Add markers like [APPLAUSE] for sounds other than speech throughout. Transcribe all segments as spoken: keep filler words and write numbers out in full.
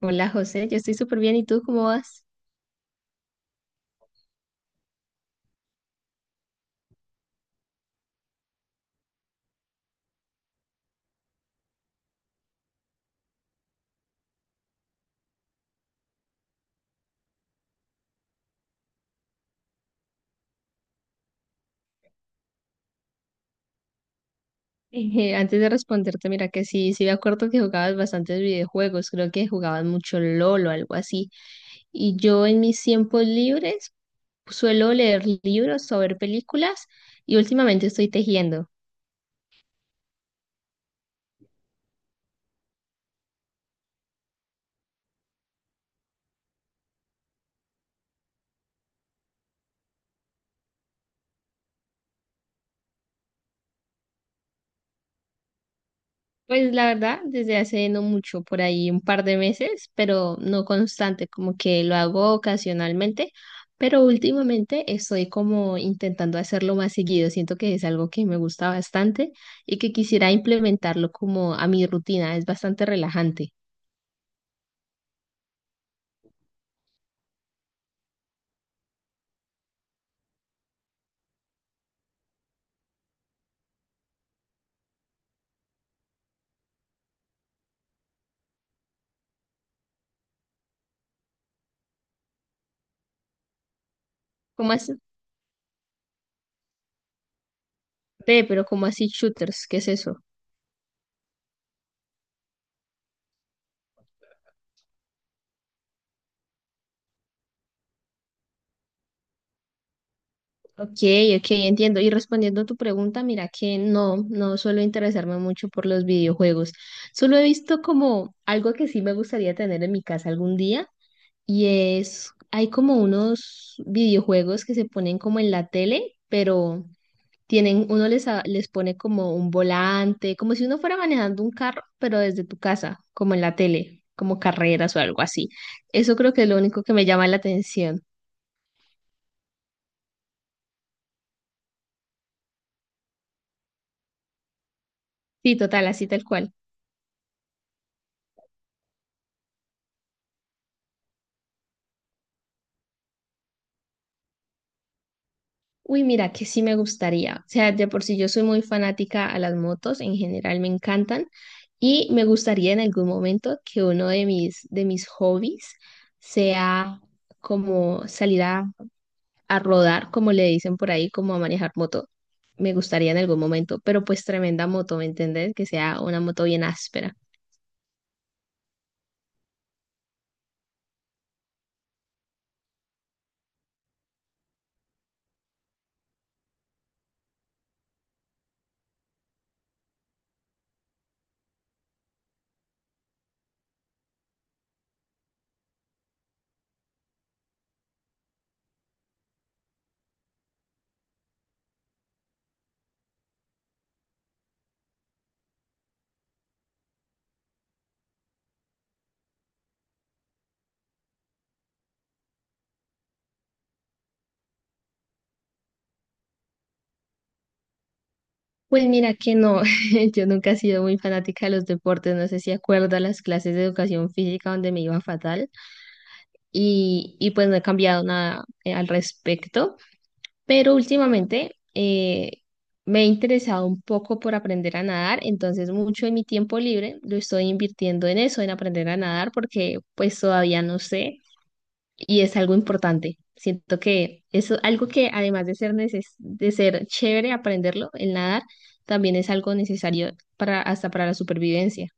Hola José, yo estoy súper bien. ¿Y tú cómo vas? [LAUGHS] Eh, antes de responderte, mira que sí, sí me acuerdo que jugabas bastantes videojuegos. Creo que jugabas mucho L O L o algo así. Y yo en mis tiempos libres suelo leer libros o ver películas y últimamente estoy tejiendo. Pues la verdad, desde hace no mucho, por ahí un par de meses, pero no constante, como que lo hago ocasionalmente, pero últimamente estoy como intentando hacerlo más seguido. Siento que es algo que me gusta bastante y que quisiera implementarlo como a mi rutina. Es bastante relajante. ¿Cómo así? Ve, pero ¿cómo así shooters? ¿Qué es eso? Ok, ok, entiendo. Y respondiendo a tu pregunta, mira que no, no suelo interesarme mucho por los videojuegos. Solo he visto como algo que sí me gustaría tener en mi casa algún día y es, hay como unos videojuegos que se ponen como en la tele, pero tienen, uno les, a- les pone como un volante, como si uno fuera manejando un carro, pero desde tu casa, como en la tele, como carreras o algo así. Eso creo que es lo único que me llama la atención. Sí, total, así tal cual. Uy, mira, que sí me gustaría. O sea, de por sí yo soy muy fanática a las motos, en general me encantan y me gustaría en algún momento que uno de mis, de mis hobbies sea como salir a, a rodar, como le dicen por ahí, como a manejar moto. Me gustaría en algún momento, pero pues tremenda moto, ¿me entendés? Que sea una moto bien áspera. Pues mira que no, [LAUGHS] yo nunca he sido muy fanática de los deportes, no sé si acuerdas las clases de educación física donde me iba fatal. y, y pues no he cambiado nada eh, al respecto, pero últimamente eh, me he interesado un poco por aprender a nadar, entonces mucho de mi tiempo libre lo estoy invirtiendo en eso, en aprender a nadar, porque pues todavía no sé y es algo importante. Siento que es algo que además de ser, neces- de ser chévere aprenderlo, el nadar, también es algo necesario para, hasta para la supervivencia.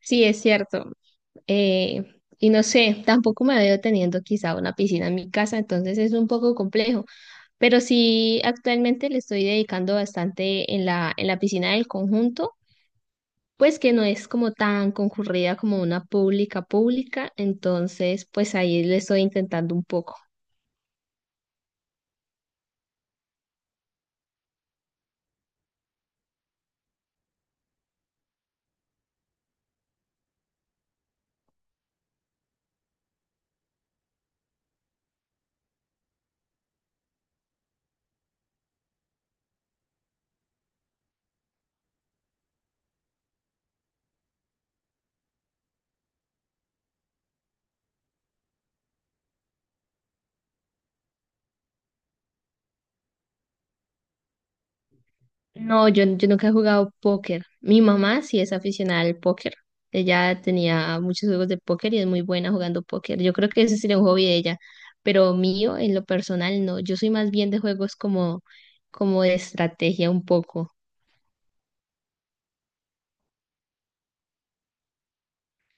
Sí, es cierto. Eh, y no sé, tampoco me veo teniendo quizá una piscina en mi casa, entonces es un poco complejo, pero sí actualmente le estoy dedicando bastante en la, en la piscina del conjunto, pues que no es como tan concurrida como una pública pública, entonces pues ahí le estoy intentando un poco. No, yo, yo nunca he jugado póker. Mi mamá sí es aficionada al póker. Ella tenía muchos juegos de póker y es muy buena jugando póker. Yo creo que ese sería un hobby de ella, pero mío, en lo personal, no. Yo soy más bien de juegos como, como de estrategia un poco.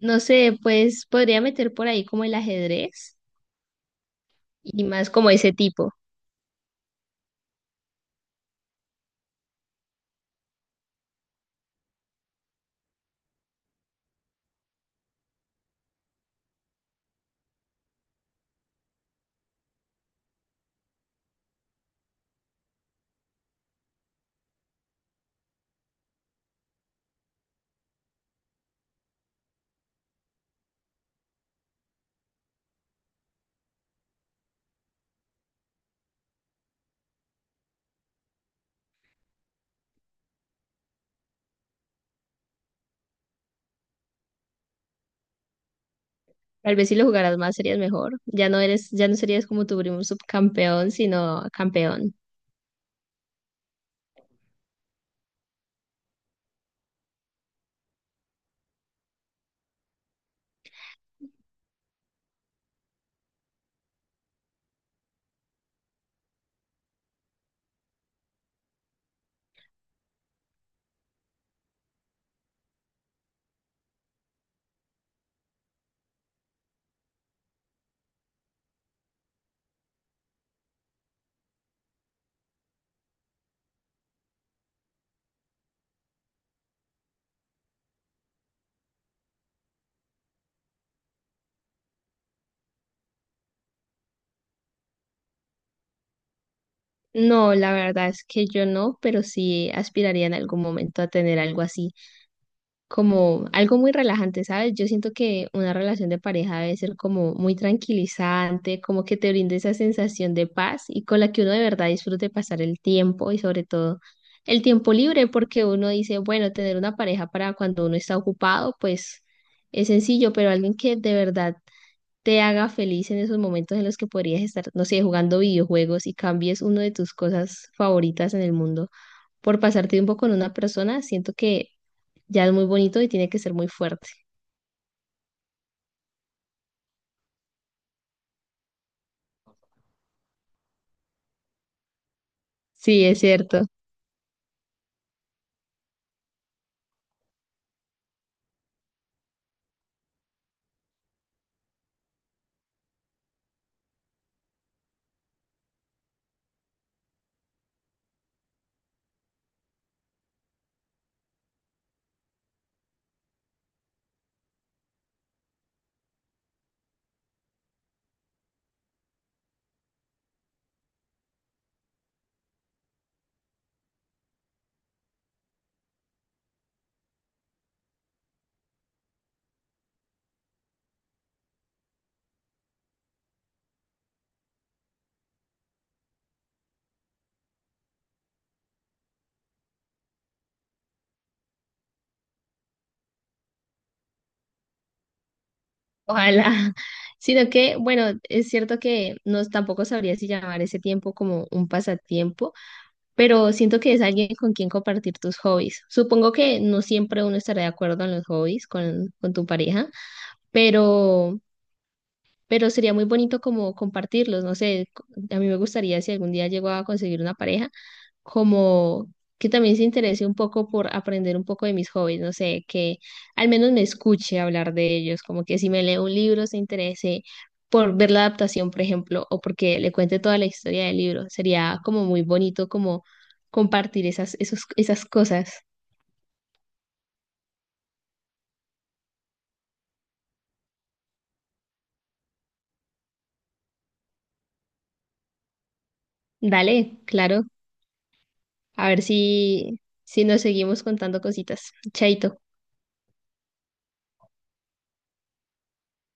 No sé, pues podría meter por ahí como el ajedrez y más como ese tipo. Tal vez si lo jugaras más serías mejor. Ya no eres, ya no serías como tu primo subcampeón, sino campeón. No, la verdad es que yo no, pero sí aspiraría en algún momento a tener algo así, como algo muy relajante, ¿sabes? Yo siento que una relación de pareja debe ser como muy tranquilizante, como que te brinde esa sensación de paz y con la que uno de verdad disfrute pasar el tiempo y sobre todo el tiempo libre, porque uno dice, bueno, tener una pareja para cuando uno está ocupado, pues es sencillo, pero alguien que de verdad te haga feliz en esos momentos en los que podrías estar, no sé, jugando videojuegos y cambies uno de tus cosas favoritas en el mundo por pasar tiempo con una persona, siento que ya es muy bonito y tiene que ser muy fuerte. Sí, es cierto. Ojalá. [LAUGHS] Sino que, bueno, es cierto que no tampoco sabría si llamar ese tiempo como un pasatiempo, pero siento que es alguien con quien compartir tus hobbies. Supongo que no siempre uno estará de acuerdo en los hobbies con, con tu pareja, pero pero sería muy bonito como compartirlos, no sé, co- a mí me gustaría si algún día llego a conseguir una pareja, como que también se interese un poco por aprender un poco de mis hobbies, no sé, que al menos me escuche hablar de ellos, como que si me lee un libro se interese por ver la adaptación, por ejemplo, o porque le cuente toda la historia del libro, sería como muy bonito como compartir esas, esos, esas cosas. Dale, claro, a ver si, si nos seguimos contando cositas. Chaito.